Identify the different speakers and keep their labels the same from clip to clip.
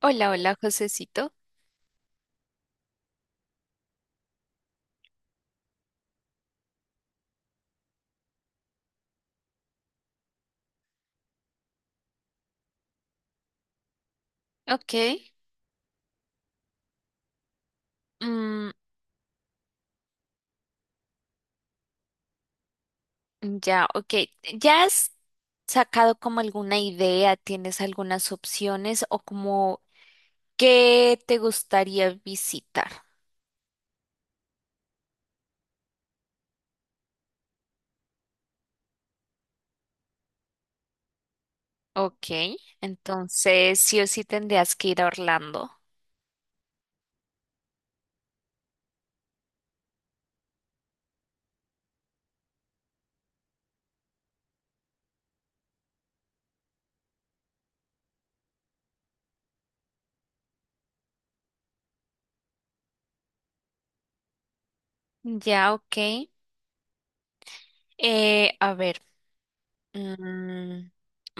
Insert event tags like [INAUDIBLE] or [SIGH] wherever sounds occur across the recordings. Speaker 1: Hola, hola, Josecito. Ok. mm, ya, ok. ¿Ya has sacado como alguna idea? ¿Tienes algunas opciones o como qué te gustaría visitar? Ok. Entonces, sí o sí tendrías que ir a Orlando. Ya, ok. A ver. mm,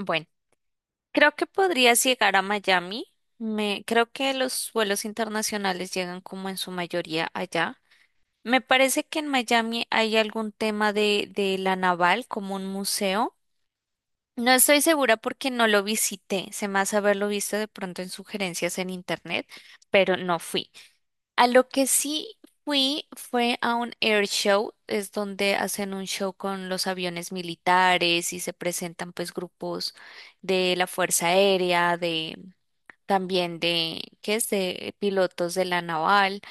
Speaker 1: bueno, creo que podrías llegar a Miami. Me, creo que los vuelos internacionales llegan como en su mayoría allá. Me parece que en Miami hay algún tema de la naval como un museo. No estoy segura porque no lo visité, se me hace haberlo visto de pronto en sugerencias en internet, pero no fui. A lo que sí fui fue a un air show, es donde hacen un show con los aviones militares y se presentan pues grupos de la Fuerza Aérea, de también de, ¿qué es? De pilotos de la naval.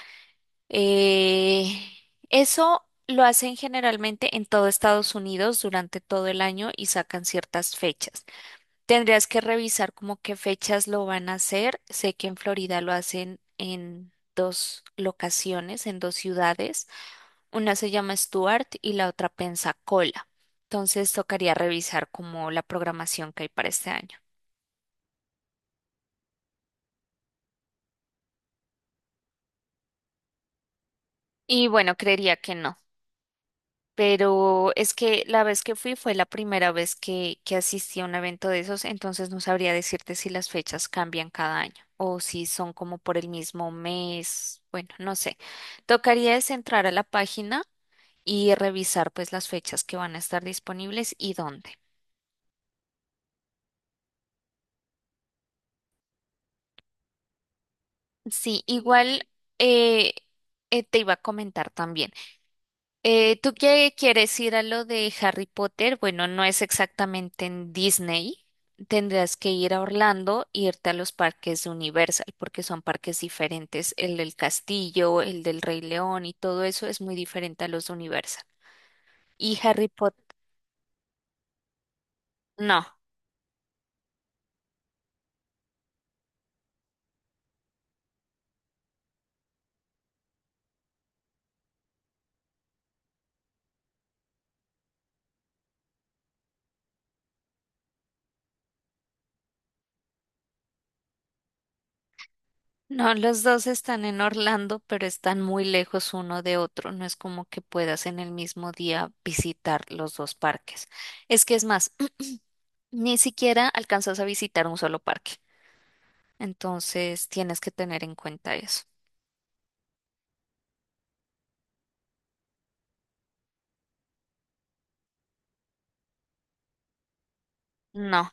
Speaker 1: Eh, eso lo hacen generalmente en todo Estados Unidos durante todo el año y sacan ciertas fechas. Tendrías que revisar como qué fechas lo van a hacer. Sé que en Florida lo hacen en dos locaciones, en dos ciudades. Una se llama Stuart y la otra Pensacola. Entonces tocaría revisar como la programación que hay para este año. Y bueno, creería que no. Pero es que la vez que fui fue la primera vez que asistí a un evento de esos, entonces no sabría decirte si las fechas cambian cada año o si son como por el mismo mes. Bueno, no sé. Tocaría es entrar a la página y revisar pues las fechas que van a estar disponibles y dónde. Sí, igual eh, te iba a comentar también. ¿Tú qué quieres ir a lo de Harry Potter? Bueno, no es exactamente en Disney. Tendrás que ir a Orlando e irte a los parques de Universal, porque son parques diferentes. El del castillo, el del Rey León y todo eso es muy diferente a los de Universal. Y Harry Potter, no, no, los dos están en Orlando, pero están muy lejos uno de otro. No es como que puedas en el mismo día visitar los dos parques. Es que es más, [CLEARS THROAT] ni siquiera alcanzas a visitar un solo parque. Entonces tienes que tener en cuenta eso. No.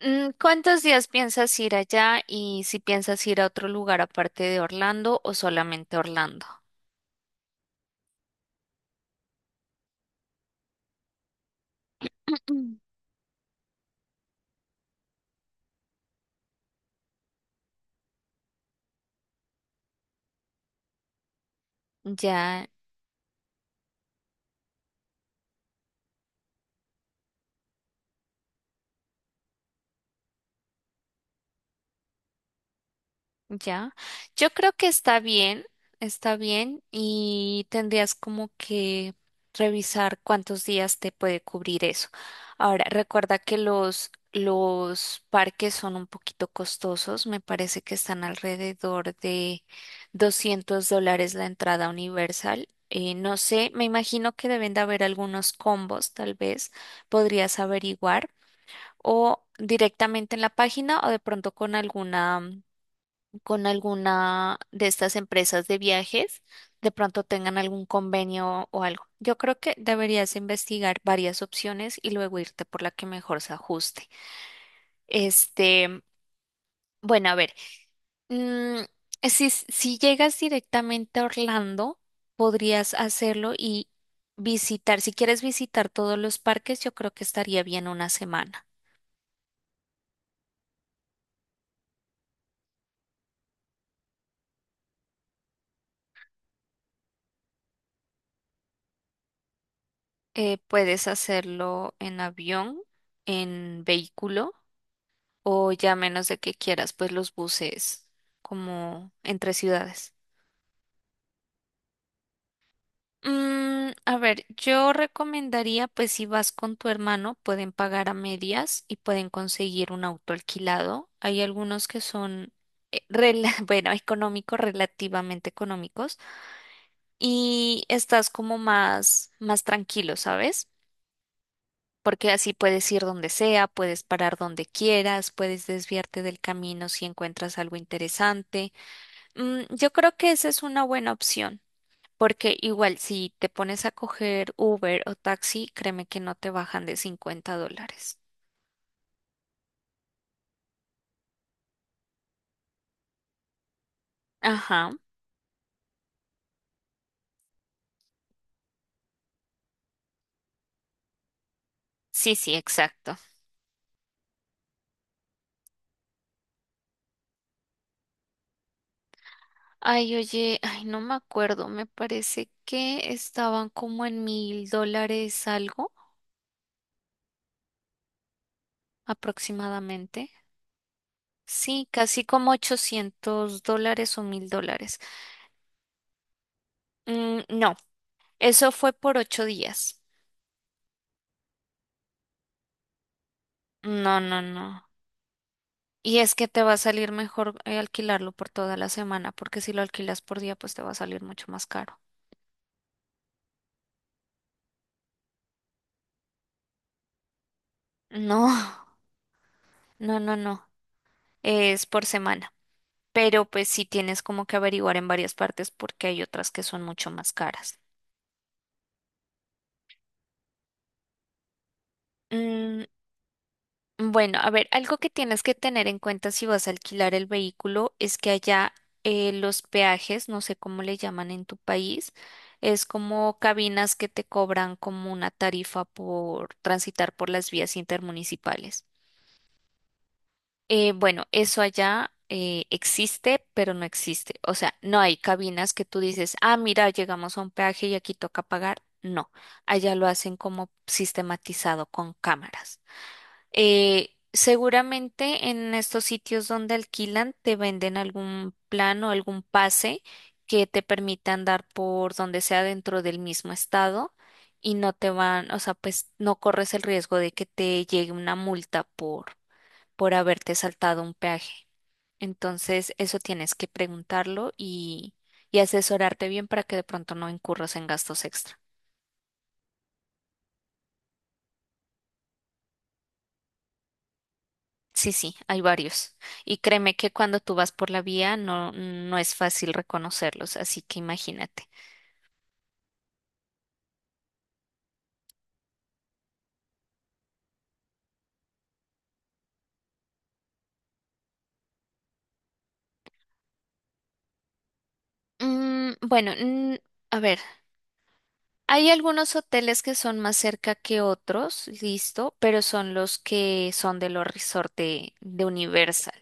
Speaker 1: Mm, ¿cuántos días piensas ir allá y si piensas ir a otro lugar aparte de Orlando o solamente Orlando? [CLEARS THROAT] Ya. Ya, yo creo que está bien y tendrías como que revisar cuántos días te puede cubrir eso. Ahora, recuerda que los parques son un poquito costosos, me parece que están alrededor de $200 la entrada universal. No sé, me imagino que deben de haber algunos combos, tal vez podrías averiguar o directamente en la página o de pronto con alguna de estas empresas de viajes, de pronto tengan algún convenio o algo. Yo creo que deberías investigar varias opciones y luego irte por la que mejor se ajuste. Este, bueno, a ver, mm, si, si llegas directamente a Orlando, podrías hacerlo y visitar, si quieres visitar todos los parques, yo creo que estaría bien una semana. Puedes hacerlo en avión, en vehículo. O ya menos de que quieras, pues los buses como entre ciudades. Mm, a ver, yo recomendaría, pues si vas con tu hermano, pueden pagar a medias y pueden conseguir un auto alquilado. Hay algunos que [LAUGHS] bueno, económicos, relativamente económicos, y estás como más tranquilo, ¿sabes? Porque así puedes ir donde sea, puedes parar donde quieras, puedes desviarte del camino si encuentras algo interesante. Mm, yo creo que esa es una buena opción, porque igual si te pones a coger Uber o taxi, créeme que no te bajan de $50. Ajá, sí, sí, exacto. Ay, oye, ay, no me acuerdo, me parece que estaban como en $1,000 algo aproximadamente. Sí, casi como $800 o $1,000. Mm, no, eso fue por 8 días. No, no, no. Y es que te va a salir mejor alquilarlo por toda la semana, porque si lo alquilas por día, pues te va a salir mucho más caro. [LAUGHS] No, no. Es por semana. Pero pues sí tienes como que averiguar en varias partes porque hay otras que son mucho más caras. Mm, Bueno, a ver, algo que tienes que tener en cuenta si vas a alquilar el vehículo es que allá los peajes, no sé cómo le llaman en tu país, es como cabinas que te cobran como una tarifa por transitar por las vías intermunicipales. Bueno, eso allá existe, pero no existe. O sea, no hay cabinas que tú dices, ah, mira, llegamos a un peaje y aquí toca pagar. No, allá lo hacen como sistematizado con cámaras. Seguramente en estos sitios donde alquilan te venden algún plan o algún pase que te permita andar por donde sea dentro del mismo estado y no te van, o sea, pues no corres el riesgo de que te llegue una multa por haberte saltado un peaje. Entonces, eso tienes que preguntarlo y asesorarte bien para que de pronto no incurras en gastos extra. Sí, sí, hay varios. Y créeme que cuando tú vas por la vía no es fácil reconocerlos, así que imagínate. Mm, bueno, mm, a ver, hay algunos hoteles que son más cerca que otros, listo, pero son los que son de los resorts de Universal.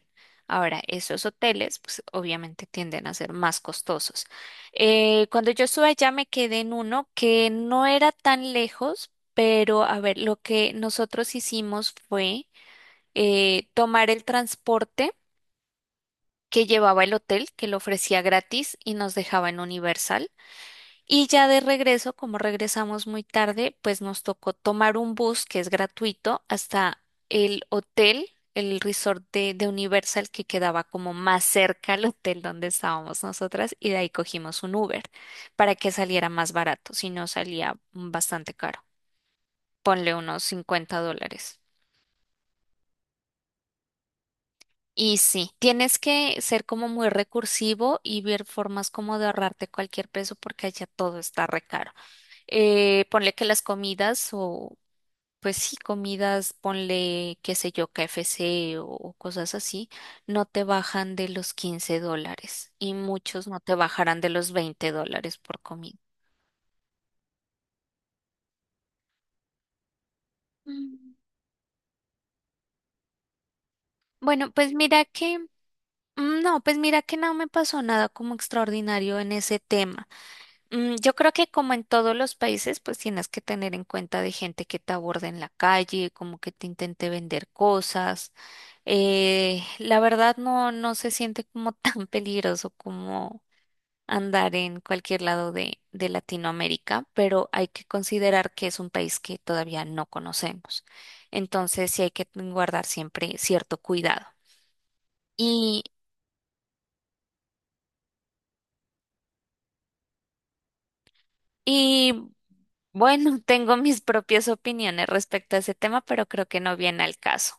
Speaker 1: Ahora, esos hoteles, pues obviamente tienden a ser más costosos. Cuando yo estuve allá me quedé en uno que no era tan lejos, pero a ver, lo que nosotros hicimos fue… tomar el transporte que llevaba el hotel, que lo ofrecía gratis y nos dejaba en Universal. Y ya de regreso, como regresamos muy tarde, pues nos tocó tomar un bus que es gratuito hasta el hotel, el resort de Universal que quedaba como más cerca al hotel donde estábamos nosotras y de ahí cogimos un Uber para que saliera más barato, si no salía bastante caro. Ponle unos $50. Y sí, tienes que ser como muy recursivo y ver formas como de ahorrarte cualquier peso porque allá todo está re caro. Ponle que las comidas o pues sí, comidas, ponle qué sé yo, KFC o cosas así, no te bajan de los $15 y muchos no te bajarán de los $20 por comida. Mm. Bueno, pues mira que, no, pues mira que no me pasó nada como extraordinario en ese tema. Mm, yo creo que como en todos los países, pues tienes que tener en cuenta de gente que te aborda en la calle, como que te intente vender cosas. La verdad no se siente como [LAUGHS] tan peligroso como andar en cualquier lado de Latinoamérica, pero hay que considerar que es un país que todavía no conocemos. Entonces sí hay que guardar siempre cierto cuidado. Y, y bueno, [LAUGHS] tengo mis propias opiniones respecto a ese tema, pero creo que no viene al caso.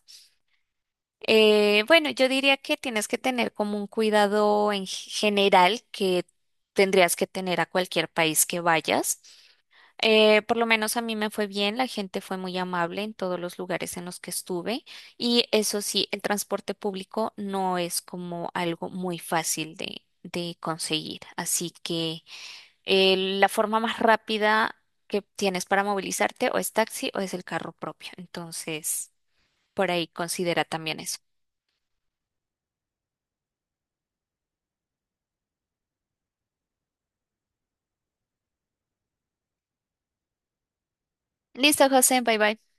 Speaker 1: Bueno, yo diría que tienes que tener como un cuidado en general que tendrías que tener a cualquier país que vayas. Por lo menos a mí me fue bien, la gente fue muy amable en todos los lugares en los que estuve y eso sí, el transporte público no es como algo muy fácil de conseguir. Así que la forma más rápida que tienes para movilizarte o es taxi o es el carro propio. Entonces, por ahí considera también eso. Listo, José, bye bye.